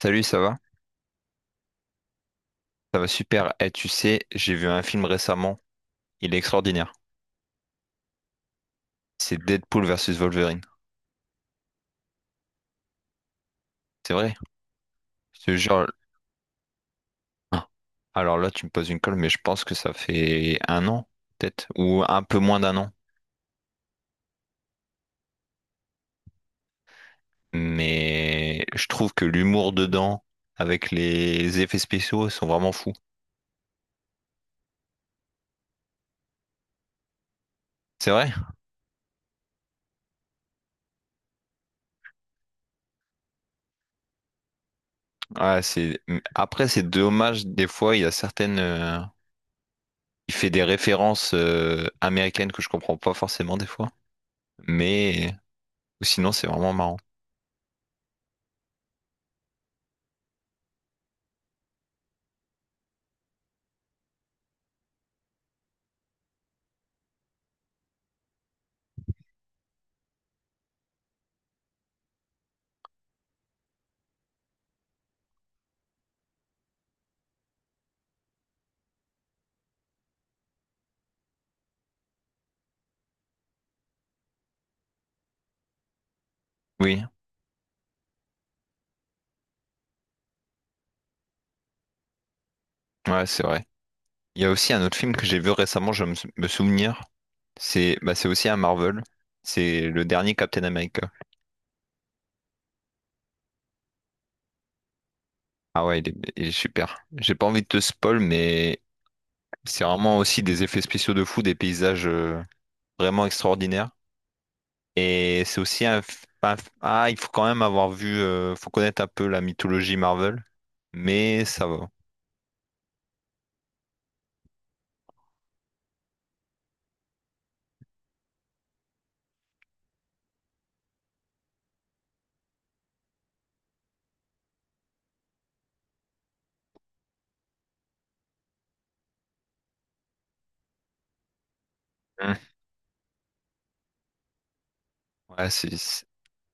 Salut, ça va? Ça va super. Et tu sais, j'ai vu un film récemment. Il est extraordinaire. C'est Deadpool versus Wolverine. C'est vrai? Je te jure. Ah. Alors là, tu me poses une colle, mais je pense que ça fait un an, peut-être, ou un peu moins d'un an. Mais je trouve que l'humour dedans, avec les effets spéciaux, sont vraiment fous. C'est vrai? Ouais. Après, c'est dommage. Des fois, il y a certaines. Il fait des références américaines que je comprends pas forcément des fois. Mais ou sinon, c'est vraiment marrant. Oui, ouais, c'est vrai. Il y a aussi un autre film que j'ai vu récemment, je me souvenir. C'est bah, c'est aussi un Marvel. C'est le dernier Captain America. Ah ouais, il est super. J'ai pas envie de te spoil, mais c'est vraiment aussi des effets spéciaux de fou, des paysages vraiment extraordinaires. Et c'est aussi Ah, il faut quand même avoir vu. Faut connaître un peu la mythologie Marvel, mais ça va. Hmm. Ouais,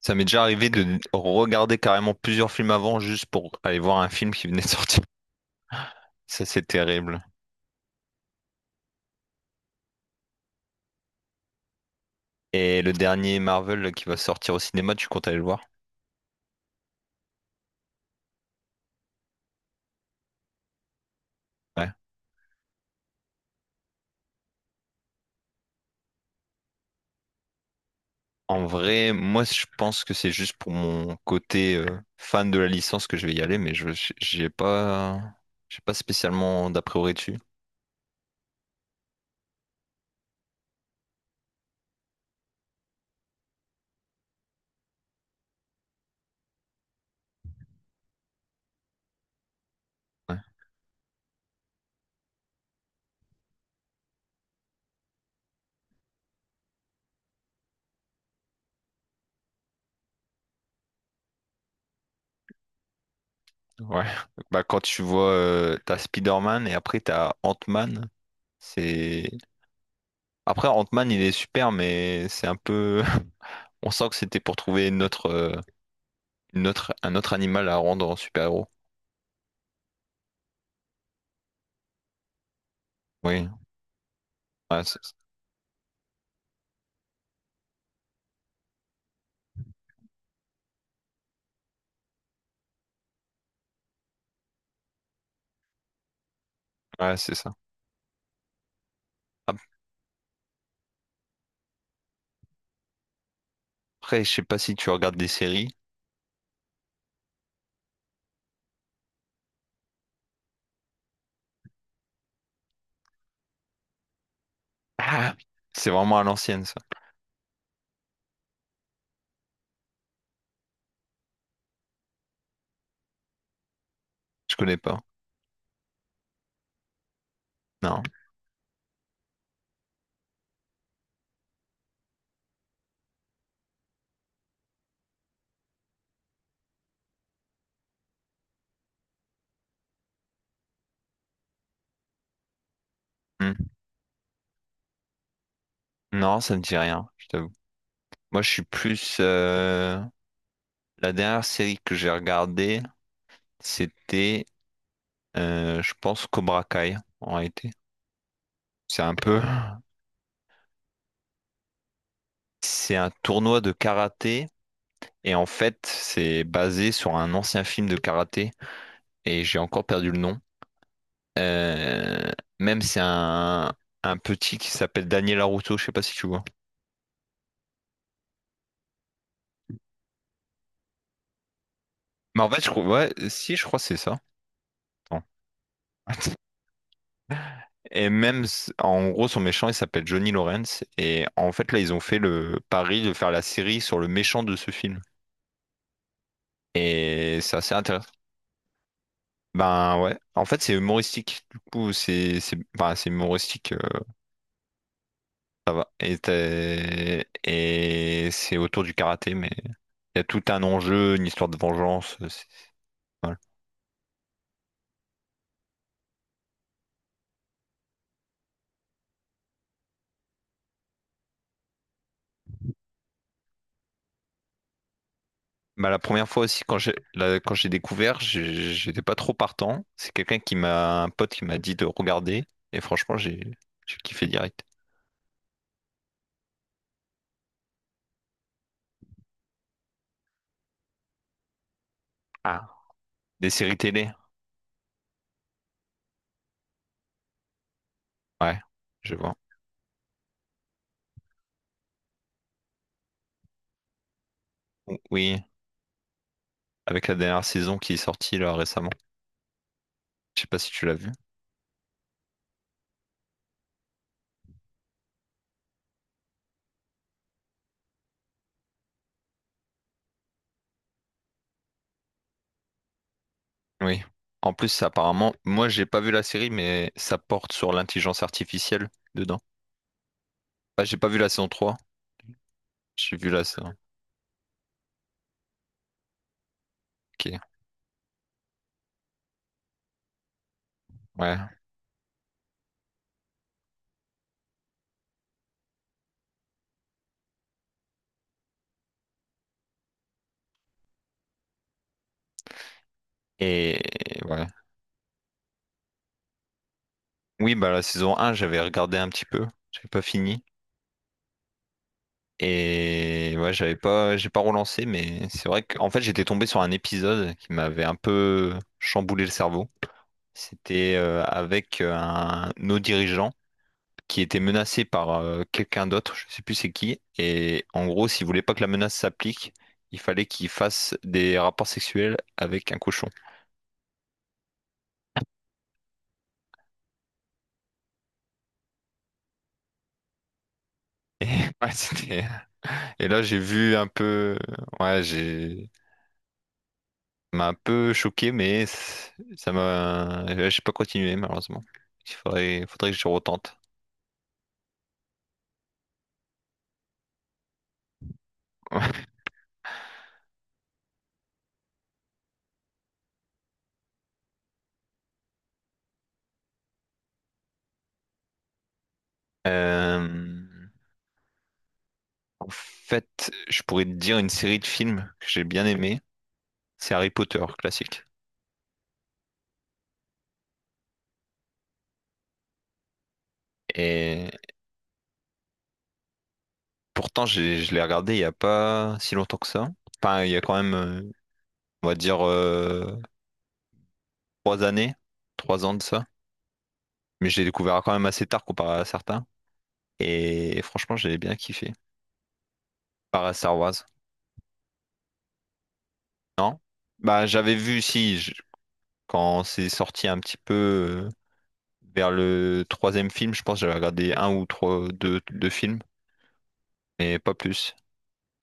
ça m'est déjà arrivé de regarder carrément plusieurs films avant juste pour aller voir un film qui venait de sortir. Ça, c'est terrible. Et le dernier Marvel qui va sortir au cinéma, tu comptes aller le voir? Ouais. En vrai, moi, je pense que c'est juste pour mon côté fan de la licence que je vais y aller, mais je j'ai pas, j'ai pas spécialement d'a priori dessus. Ouais. Ouais. Bah, quand tu vois, t'as Spider-Man et après t'as Ant-Man, c'est... après, Ant-Man, il est super, mais c'est un peu. On sent que c'était pour trouver notre autre, une autre- un autre animal à rendre en super-héros. Oui, ouais, c'est ouais, c'est ça. Après, je sais pas si tu regardes des séries. Ah, c'est vraiment à l'ancienne, ça. Je connais pas. Non. Hmm. Non, ça ne dit rien, je t'avoue. Moi, je suis plus... La dernière série que j'ai regardée, c'était, je pense, Cobra Kai, en réalité. C'est un peu... C'est un tournoi de karaté, et en fait, c'est basé sur un ancien film de karaté, et j'ai encore perdu le nom. Euh, Même c'est un petit qui s'appelle Daniel Larusso, je sais pas si tu vois. Mais en fait, je crois. Ouais, si, je crois que c'est ça. Attends. Et même, en gros, son méchant, il s'appelle Johnny Lawrence. Et en fait, là, ils ont fait le pari de faire la série sur le méchant de ce film. Et c'est assez intéressant. Ben ouais, en fait, c'est humoristique. Du coup, c'est ben, c'est humoristique, ça va. Et c'est autour du karaté, mais il y a tout un enjeu, une histoire de vengeance. Voilà. Ben, la première fois aussi, quand j'ai découvert, j'étais pas trop partant. C'est un pote qui m'a dit de regarder. Et franchement, j'ai kiffé direct. Ah. Des séries télé? Ouais, je vois. Oui, avec la dernière saison qui est sortie là récemment. Je sais pas si tu l'as vue. Oui. En plus, apparemment, moi j'ai pas vu la série, mais ça porte sur l'intelligence artificielle dedans. Ah, j'ai pas vu la saison 3. J'ai vu la saison. Ok. Ouais. Et ouais. Oui, bah la saison un, j'avais regardé un petit peu. J'avais pas fini. Et ouais, j'avais pas, j'ai pas relancé, mais c'est vrai qu'en fait, j'étais tombé sur un épisode qui m'avait un peu chamboulé le cerveau. C'était avec nos dirigeants qui étaient menacés par quelqu'un d'autre, je sais plus c'est qui. Et en gros, s'ils voulaient pas que la menace s'applique, il fallait qu'ils fassent des rapports sexuels avec un cochon. Et, ouais, et là, j'ai vu un peu. Ouais, j'ai. Ça m'a un peu choqué, mais ça m'a. Ouais, j'ai pas continué, malheureusement. Il faudrait que je retente. Euh, En fait, je pourrais te dire une série de films que j'ai bien aimé. C'est Harry Potter, classique. Et pourtant, je l'ai regardé il n'y a pas si longtemps que ça. Enfin, il y a quand même, on va dire, 3 années, 3 ans de ça. Mais j'ai découvert quand même assez tard comparé à certains. Et, franchement, j'ai bien kiffé. Par à Star Wars. Non? Bah, j'avais vu, si, quand c'est sorti un petit peu vers le troisième film, je pense que j'avais regardé un ou trois, deux films, mais pas plus.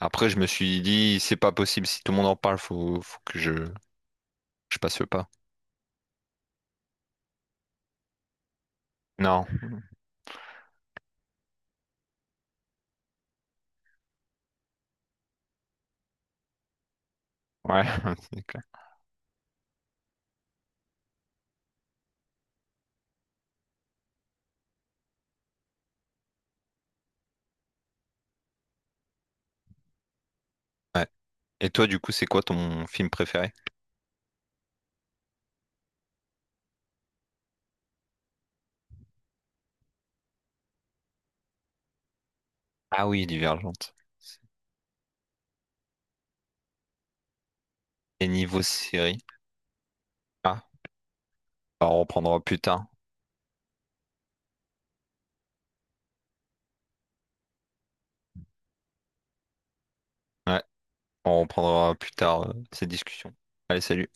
Après, je me suis dit, c'est pas possible, si tout le monde en parle, faut que je passe le pas. Non, ouais, c'est clair. Ouais. Et toi, du coup, c'est quoi ton film préféré? Ah oui, Divergente. Et niveau série? Ah, on reprendra plus tard. Ouais, on reprendra plus tard ces discussions. Allez, salut.